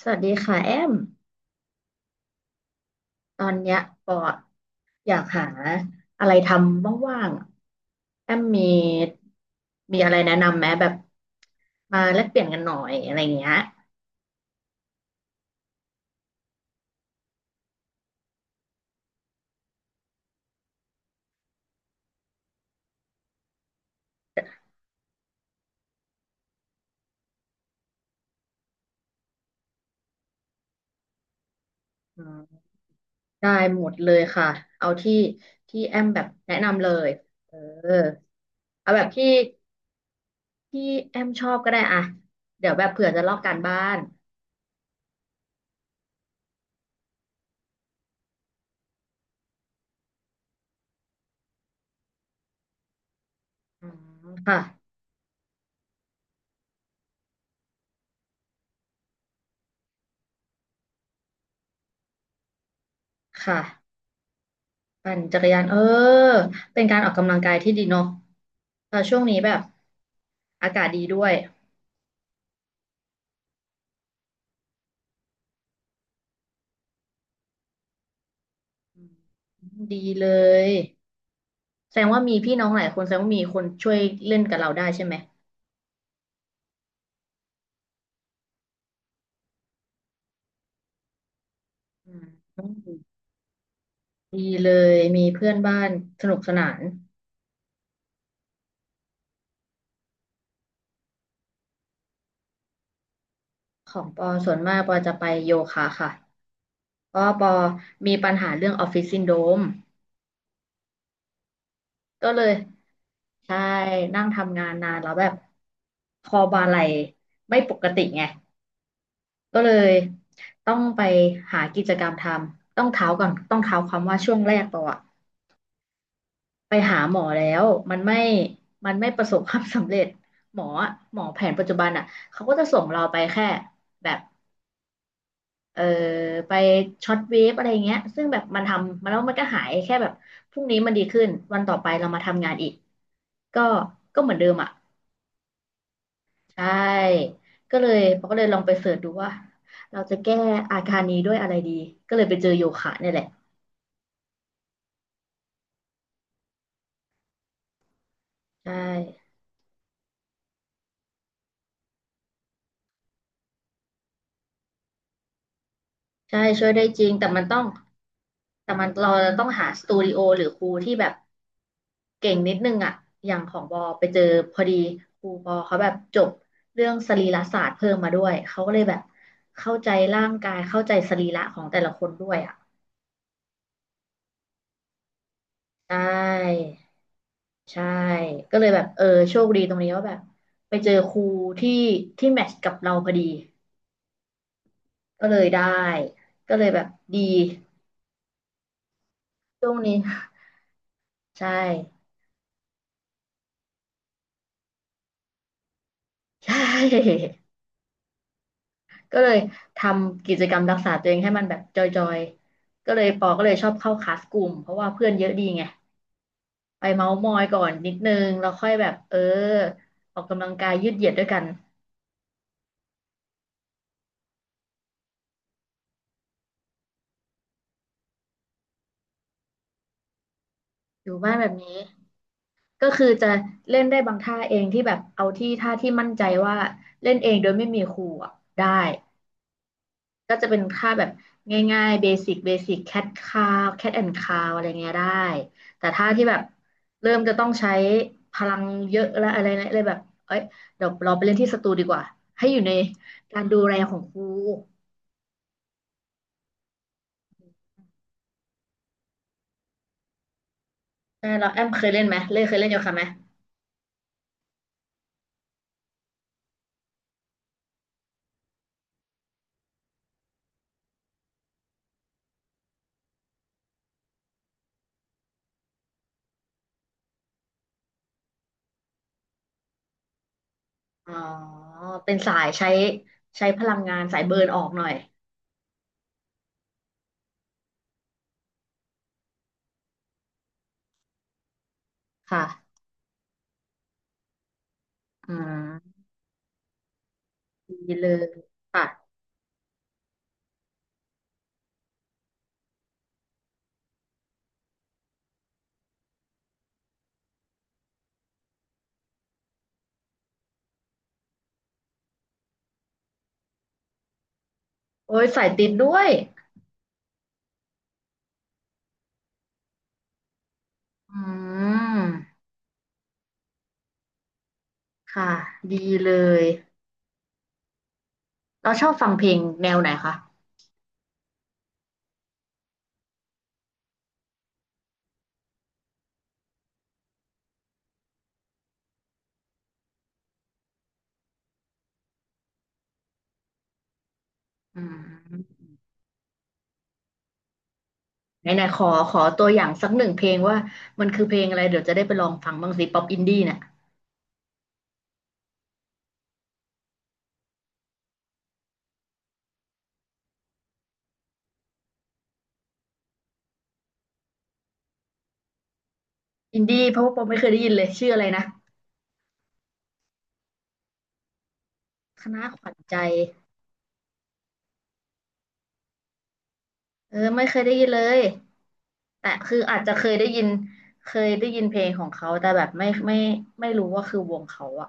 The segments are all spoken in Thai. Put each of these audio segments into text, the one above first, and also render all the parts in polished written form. สวัสดีค่ะแอมตอนเนี้ยปออยากหาอะไรทำว่างๆอะแอมมีอะไรแนะนำไหมแบบมาแลกเปลี่ยนกันหน่อยอะไรเงี้ยอืมได้หมดเลยค่ะเอาที่แอมแบบแนะนำเลยเออเอาแบบที่แอมชอบก็ได้อะเดี๋ยวแบบเผื่อจะลอกการบ้านอืมค่ะค่ะ ปั่นจักรยานเป็นการออกกำลังกายที่ดีเนาะแต่ช่วงนี้แบบอากาศดีด้วยอืมดีเลยแสดงว่ามีพี่น้องหลายคนแสดงว่ามีคนช่วยเล่นกับเราได้ใช่ไหมอืมดีเลยมีเพื่อนบ้านสนุกสนานของปอส่วนมากปอจะไปโยคะค่ะเพราะว่าปอมีปัญหาเรื่องออฟฟิศซินโดรมก็เลยใช่นั่งทำงานนานแล้วแบบคอบ่าไหล่ไม่ปกติไง ก็เลยต้องไปหากิจกรรมทำต้องเท้าก่อนต้องเท้าความว่าช่วงแรกปออะไปหาหมอแล้วมันไม่มันไม่ประสบความสำเร็จหมออะหมอแผนปัจจุบันอ่ะเขาก็จะส่งเราไปแค่แบบเออไปช็อตเวฟอะไรเงี้ยซึ่งแบบมันทำมาแล้วมันก็หายแค่แบบพรุ่งนี้มันดีขึ้นวันต่อไปเรามาทำงานอีกก็ก็เหมือนเดิมอ่ะใช่ก็เลยปอก็เลยลองไปเสิร์ชดูว่าเราจะแก้อาการนี้ด้วยอะไรดีก็เลยไปเจอโยคะเนี่ยแหละ ใช่ใช่ช่วยได้จริงแต่มันต้องแต่มันเราต้องหาสตูดิโอหรือครูที่แบบเก่งนิดนึงอ่ะอย่างของบอไปเจอพอดีครูบอเขาแบบจบเรื่องสรีรศาสตร์เพิ่มมาด้วยเขาก็เลยแบบเข้าใจร่างกายเข้าใจสรีระของแต่ละคนด้วยอ่ะใช่ใช่ก็เลยแบบโชคดีตรงนี้ว่าแบบไปเจอครูที่ที่แมทช์กับเราพอดีก็เลยได้ก็เลยแบบดีช่วงนี้ ใช่ใช่ ก็เลยทำกิจกรรมรักษาตัวเองให้มันแบบจอยๆก็เลยปอก็เลยชอบเข้าคลาสกลุ่มเพราะว่าเพื่อนเยอะดีไงไปเมาท์มอยก่อนนิดนึงแล้วค่อยแบบออกกำลังกายยืดเหยียดด้วยกันอยู่บ้านแบบนี้ก็คือจะเล่นได้บางท่าเองที่แบบเอาที่ท่าที่มั่นใจว่าเล่นเองโดยไม่มีครูอะได้ ก็จะเป็นค่าแบบง่ายๆเบสิกเบสิกแคทคาวแคทแอนด์คาวอะไรเงี้ยได้แต่ถ้าที่แบบเริ่มจะต้องใช้พลังเยอะแล้วอะไรเนี่ยเลยแบบเอ้ยเดี๋ยวเราไปเล่นที่สตูดีกว่าให้อยู่ในการดูแลของครูใช่เราแอมเคยเล่นไหมเคยเล่นโยคะไหมอ๋อเป็นสายใช้ใช้พลังงานสายเบิร์นออกหน่อยค่ะอืมดีเลยค่ะโอ้ยสายติดด้วยอืมค่ะดีเลย เราชอบฟังเพลงแนวไหนคะอืมไหนไหนขอตัวอย่างสักหนึ่งเพลงว่ามันคือเพลงอะไรเดี๋ยวจะได้ไปลองฟังบ้างสิป๊อปอินดี้เนี่ยอินดี้เพราะว่าป๊อปไม่เคยได้ยินเลยชื่ออะไรนะคณะขวัญใจไม่เคยได้ยินเลย แต่คืออาจจะเคยได้ยินเคยได้ยินเพลงของเขาแต่แบบไม่รู้ว่าคือวงเขาอะ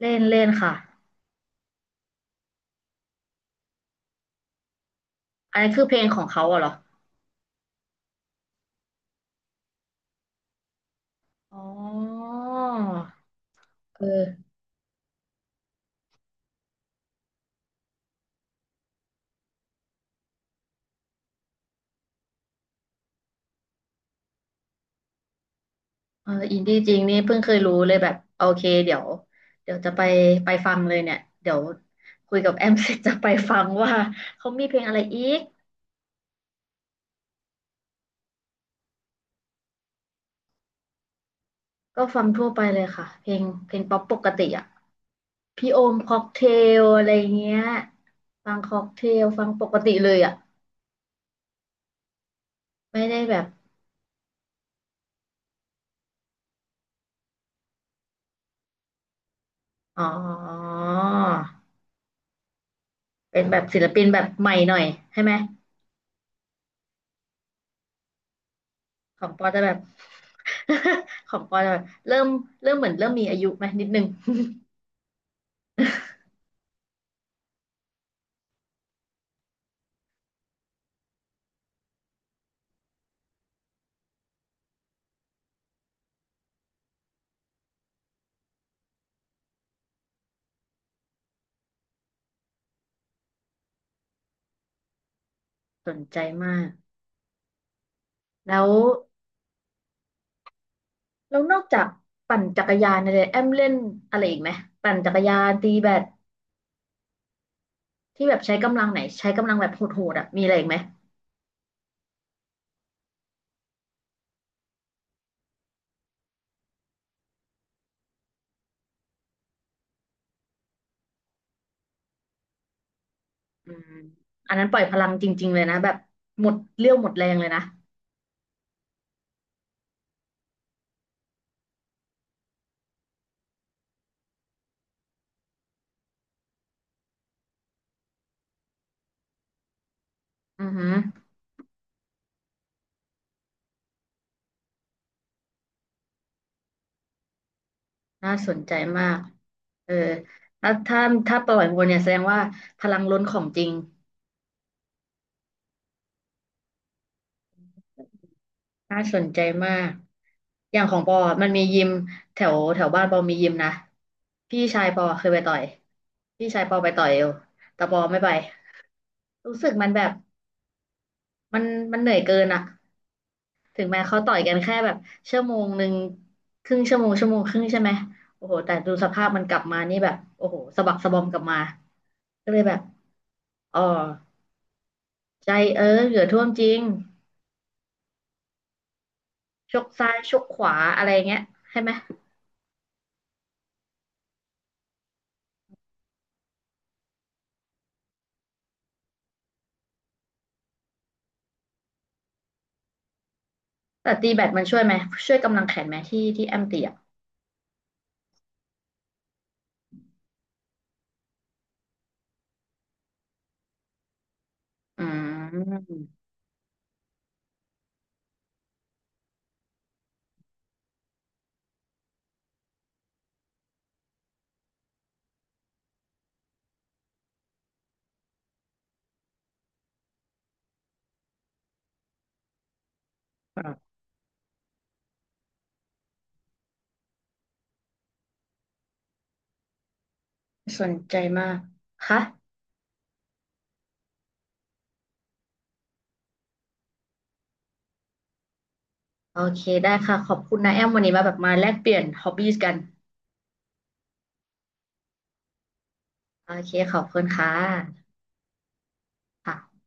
เล่นเล่นค่ะ อันนี้คือเพลงของเขาอะเหรออ๋อเออ อินดี้จริงนี่เพิ่งเคยรู้เลยแบบโอเคเดี๋ยวเดี๋ยวจะไปไปฟังเลยเนี่ยเดี๋ยวคุยกับแอม เสร็จจะไปฟังว่าเขามีเพลงอะไรอีกก็ฟังทั่วไปเลยค่ะเพลงป๊อปปกติอ่ะพี่โอมค็อกเทลอะไรเงี้ยฟังค็อกเทลฟังปกติเลยอ่ะไม่ได้แบบอ๋อเป็นแบบศิลปินแบบใหม่หน่อยใช่ไหมของปอจะแบบ ของปอจะแบบเริ่มเริ่มเหมือนเริ่มมีอายุไหมนิดนึง สนใจมาก แล้วแล้วนอกจากปั่นจักรยานเนี่ยแอมเล่นอะไรอีกไหมปั่นจักรยานตีแบดที่แบบใช้กำลังไหนใช้กำลังแบบโหดๆอ่ะมีอะไรอีกไหมอืมอันนั้นปล่อยพลังจริงๆเลยนะแบบหมดเรี่ยวหมดแรงเลยนะอือหือน่าสนใจมากเออถ้าถ้าปล่อยวัวเนี่ยแสดงว่าพลังล้นของจริงน่าสนใจมากอย่างของปอมันมียิมแถวแถวบ้านปอมียิมนะพี่ชายปอเคยไปต่อยพี่ชายปอไปต่อยเอวแต่ปอไม่ไป รู้สึกมันแบบมันมันเหนื่อยเกินอะถึงแม้เขาต่อยกันแค่แบบชั่วโมงหนึ่งครึ่งชั่วโมงชั่วโมงครึ่งใช่ไหมโอ้โหแต่ดูสภาพมันกลับมานี่แบบโอ้โหสะบักสะบอมกลับมาก็เลยแบบอ๋อใจเหลือท่วมจริงชกซ้ายชกขวาอะไรเงี้ยใช่ไหมแต่ตีแบดมันช่วยไหมช่วยกำลังแขนไหมที่แอมตีอะอืมครับสนใจมากค่ะโอเคได้ค่ะขอบคุณนะแอมวันนี้มาแบบมาแลกเปลี่ยนฮอบบี้กันโอเคขอบคุณค่ะค่ะ